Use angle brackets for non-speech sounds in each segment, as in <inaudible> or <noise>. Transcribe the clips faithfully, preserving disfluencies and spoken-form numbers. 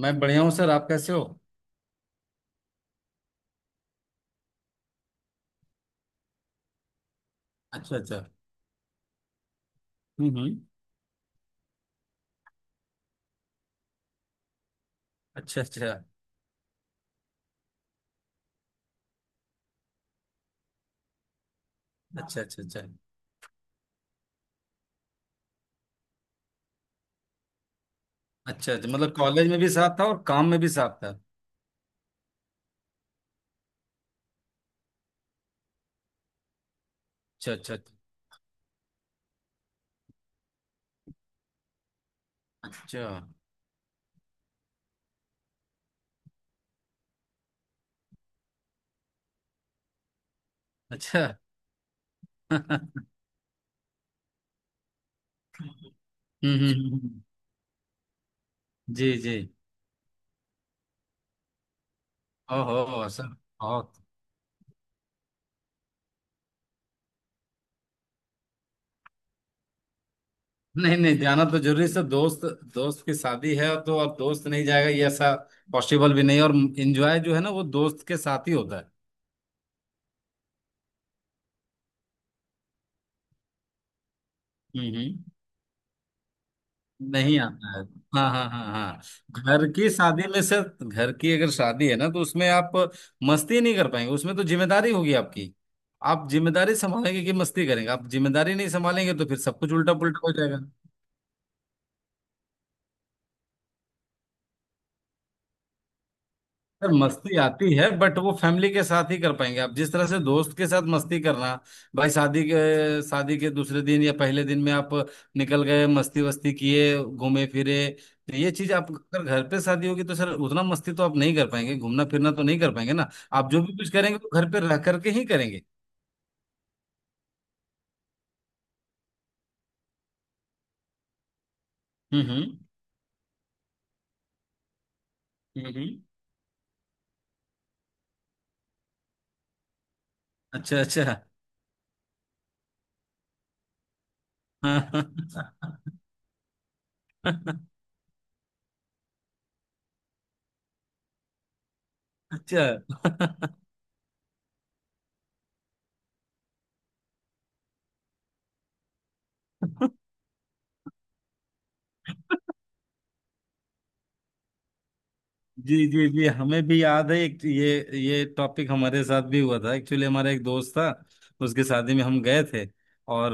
मैं बढ़िया हूँ सर। आप कैसे हो? अच्छा, अच्छा। हम्म, हम्म। अच्छा अच्छा अच्छा, अच्छा, अच्छा। अच्छा, अच्छा। मतलब कॉलेज में भी साथ था और काम में भी साथ था। अच्छा। अच्छा। अच्छा। अच्छा। <laughs> हम्म, हम्म, हम्म। जी, जी। ओहो सर, बहुत। नहीं, नहीं, जाना तो जरूरी सर दोस्त। दोस्त की शादी है तो अब दोस्त नहीं जाएगा ये ऐसा पॉसिबल भी नहीं। और एंजॉय जो है ना वो दोस्त के साथ ही होता है। हम्म, हम्म। नहीं आता है। हाँ, हाँ, हाँ, हाँ। घर की शादी में से। घर की अगर शादी है ना तो उसमें आप मस्ती नहीं कर पाएंगे, उसमें तो जिम्मेदारी होगी आपकी। आप जिम्मेदारी संभालेंगे कि मस्ती करेंगे? आप जिम्मेदारी नहीं संभालेंगे तो फिर सब कुछ उल्टा पुल्टा हो जाएगा। सर मस्ती आती है बट वो फैमिली के साथ ही कर पाएंगे। आप जिस तरह से दोस्त के साथ मस्ती करना भाई, शादी के शादी के दूसरे दिन या पहले दिन में आप निकल गए, मस्ती वस्ती किए, घूमे फिरे। तो ये चीज आप अगर घर पे शादी होगी तो सर उतना मस्ती तो आप नहीं कर पाएंगे, घूमना फिरना तो नहीं कर पाएंगे ना। आप जो भी कुछ करेंगे तो घर पे रह करके ही करेंगे। हम्म, हम्म, हम्म, हम्म। अच्छा, अच्छा। हाँ। <laughs> अच्छा। <laughs> जी, जी, जी। हमें भी याद है एक ये ये टॉपिक हमारे साथ भी हुआ था एक्चुअली। हमारा एक दोस्त था, उसकी शादी में हम गए थे। और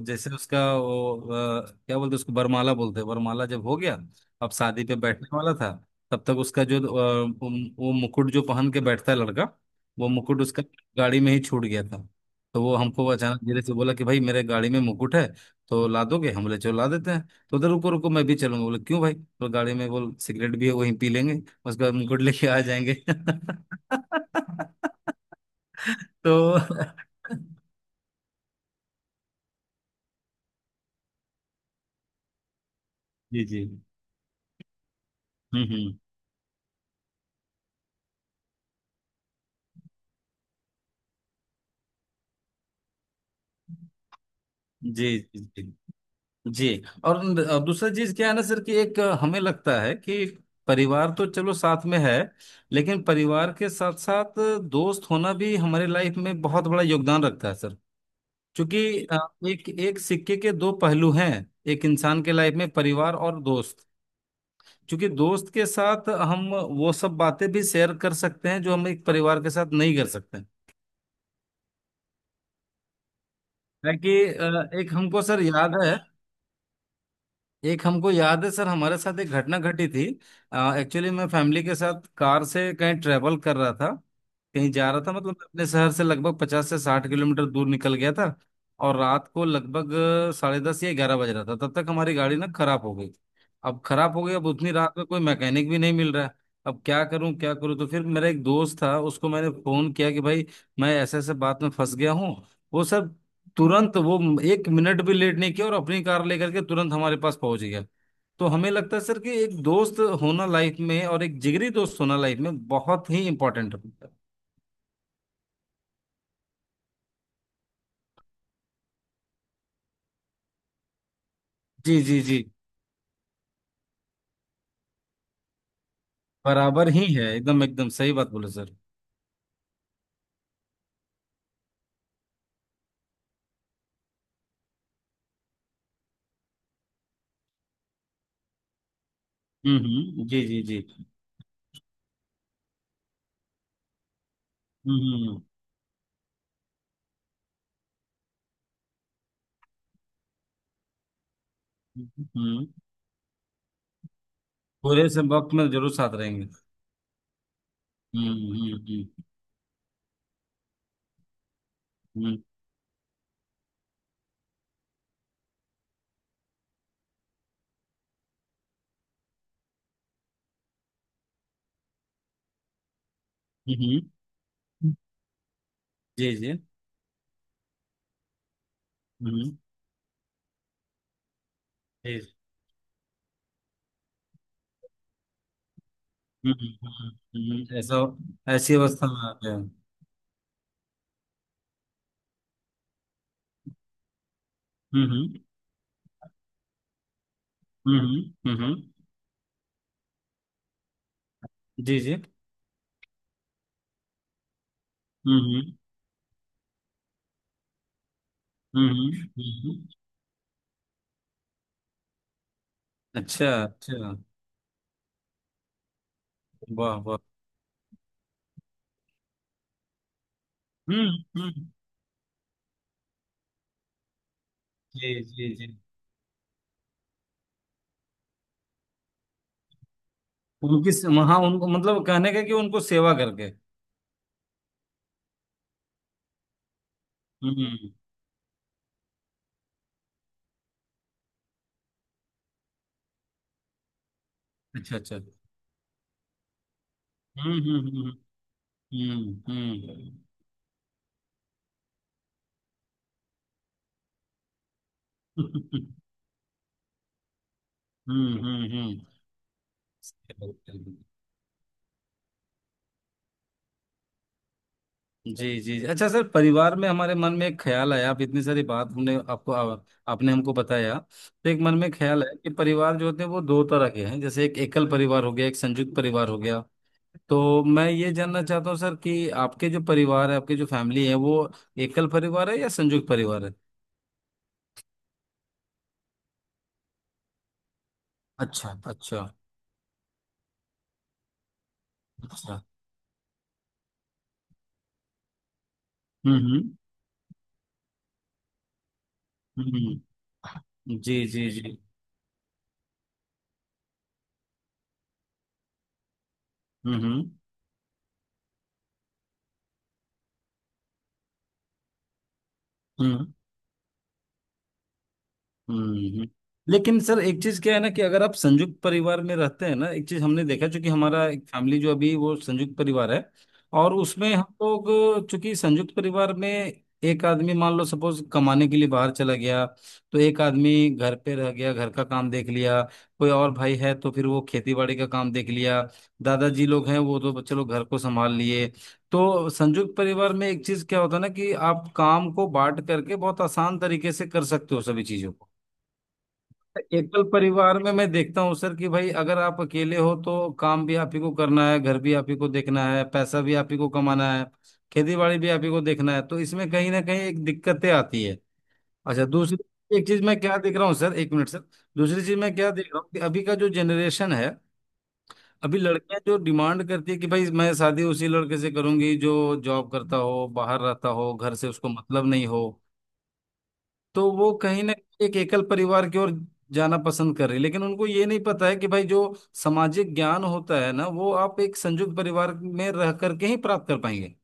अ, जैसे उसका वो अ, क्या बोलते उसको बरमाला बोलते हैं, बरमाला जब हो गया, अब शादी पे बैठने वाला था। तब तक उसका जो अ, उम, वो मुकुट जो पहन के बैठता है लड़का, वो मुकुट उसका गाड़ी में ही छूट गया था। तो वो हमको अचानक धीरे से बोला कि भाई मेरे गाड़ी में मुकुट है, तो ला दोगे? हम बोले चलो ला देते हैं। तो उधर रुको रुको, मैं भी चलूंगा, बोले क्यों भाई, तो गाड़ी में बोल सिगरेट भी है वहीं पी लेंगे, उसको हम गुड लेके आ जाएंगे। <laughs> तो जी, जी। हम्म, हम्म। जी, जी, जी, जी। और न- दूसरा चीज क्या है ना सर, कि एक हमें लगता है कि परिवार तो चलो साथ में है, लेकिन परिवार के साथ साथ दोस्त होना भी हमारे लाइफ में बहुत बड़ा योगदान रखता है सर। क्योंकि अ, एक एक सिक्के के दो पहलू हैं, एक इंसान के लाइफ में परिवार और दोस्त। क्योंकि दोस्त के साथ हम वो सब बातें भी शेयर कर सकते हैं जो हम एक परिवार के साथ नहीं कर सकते हैं। है कि अ, एक हमको सर याद है, एक हमको याद है सर हमारे साथ एक घटना घटी थी। एक्चुअली मैं फैमिली के साथ कार से कहीं ट्रेवल कर रहा था, कहीं जा रहा था। मतलब मैं अपने शहर से लगभग पचास से साठ किलोमीटर दूर निकल गया था। और रात को लगभग अ, साढ़े दस या ग्यारह बज रहा था, तब तक हमारी गाड़ी ना खराब हो गई। अब खराब हो गई, अब उतनी रात में कोई मैकेनिक भी नहीं मिल रहा है। अब क्या करूं क्या करूं। तो फिर मेरा एक दोस्त था, उसको मैंने फोन किया कि भाई मैं ऐसे ऐसे बात में फंस गया हूं। वो सर तुरंत वो एक मिनट भी लेट नहीं किया और अपनी कार लेकर के तुरंत हमारे पास पहुंच गया। तो हमें लगता है सर कि एक दोस्त होना लाइफ में और एक जिगरी दोस्त होना लाइफ में बहुत ही इम्पोर्टेंट है। जी, जी, जी। बराबर ही है, एकदम एकदम सही बात बोले सर। हम्म, हम्म। जी, जी, जी। हम्म, हम्म, हम्म, हम्म, हम्म। पूरे से वक्त में जरूर साथ रहेंगे। हम्म, हम्म, हम्म, हम्म, हम्म, हम्म, हम्म। जी, जी। हम्म, हम्म। जी। हम्म, हम्म, हम्म, हम्म, हम्म। ऐसा, ऐसी अवस्था में आते हैं। हम्म, हम्म, हम्म, हम्म, हम्म। जी, जी। हम्म, हम्म, हम्म, हम्म, हम्म। अच्छा, अच्छा। वाह, वाह। हम्म, हम्म। जी, जी, जी। उनकी से- वहाँ उनको मतलब कहने का कि उनको सेवा करके। हम्म। अच्छा, अच्छा। हम्म, हम्म, हम्म। हम्म, हम्म। <laughs> हम्म, हम्म, हम्म, हम्म। <laughs> जी, जी, जी। अच्छा सर, परिवार में हमारे मन में एक ख्याल आया, आप इतनी सारी बात हमने आपको आ- आपने हमको बताया, तो एक मन में ख्याल है कि परिवार जो होते हैं वो दो तरह के हैं। जैसे एक एकल परिवार हो गया, एक संयुक्त परिवार हो गया। तो मैं ये जानना चाहता हूँ सर कि आपके जो परिवार है, आपके जो फैमिली है, वो एकल परिवार है या संयुक्त परिवार है? अच्छा, अच्छा, अच्छा। हम्म, हम्म, हम्म। जी, जी, जी। हम्म, हम्म, हम्म। लेकिन सर एक चीज क्या है ना, कि अगर आप संयुक्त परिवार में रहते हैं ना, एक चीज हमने देखा। चूंकि हमारा एक फैमिली जो अभी वो संयुक्त परिवार है, और उसमें हम लोग, चूंकि संयुक्त परिवार में एक आदमी मान लो सपोज कमाने के लिए बाहर चला गया, तो एक आदमी घर पे रह गया, घर का काम देख लिया। कोई और भाई है तो फिर वो खेती बाड़ी का काम देख लिया। दादाजी लोग हैं, वो तो चलो घर को संभाल लिए। तो संयुक्त परिवार में एक चीज क्या होता है ना, कि आप काम को बांट करके बहुत आसान तरीके से कर सकते हो सभी चीजों को। एकल परिवार में मैं देखता हूँ सर कि भाई, अगर आप अकेले हो तो काम भी आप ही को करना है, घर भी आप ही को देखना है, पैसा भी आप ही को कमाना है, खेती बाड़ी भी आप ही को देखना है। तो इसमें कहीं ना कहीं एक दिक्कतें आती है। अच्छा, दूसरी एक चीज मैं क्या देख रहा हूँ सर, एक मिनट सर। दूसरी चीज मैं क्या देख रहा हूँ कि अभी का जो जनरेशन है, अभी लड़कियां जो डिमांड करती है कि भाई मैं शादी उसी लड़के से करूंगी जो जॉब करता हो, बाहर रहता हो, घर से उसको मतलब नहीं हो। तो वो कहीं ना कहीं एक एकल परिवार की ओर जाना पसंद कर रही है। लेकिन उनको ये नहीं पता है कि भाई, जो सामाजिक ज्ञान होता है ना, वो आप एक संयुक्त परिवार में रह करके ही प्राप्त कर पाएंगे।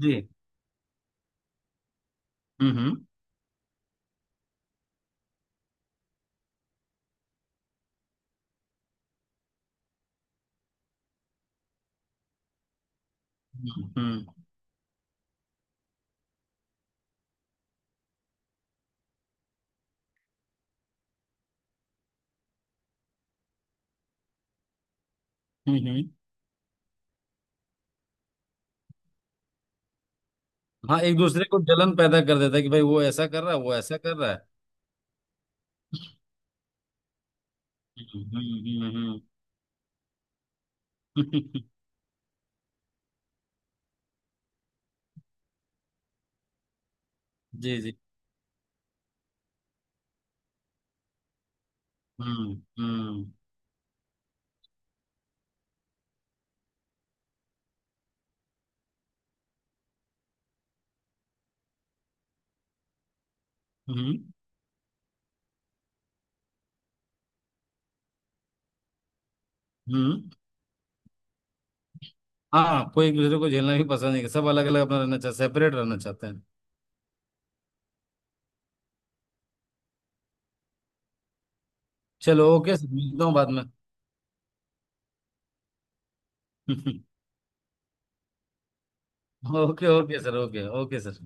जी। हम्म, हम्म, हम्म, हम्म, हम्म। हाँ, एक दूसरे को जलन पैदा कर देता है कि भाई, वो ऐसा कर रहा है, वो ऐसा कर रहा है। हम्म, हम्म, हम्म। <laughs> हम्म। जी, जी। हम्म, हम्म, हम्म, हम्म। हाँ, कोई एक दूसरे को झेलना भी पसंद नहीं है, सब अलग अलग अपना रहना चाहते, सेपरेट रहना चाहते हैं। चलो ओके, मिलता हूँ बाद में। <laughs> Okay, okay sir. Okay, okay sir.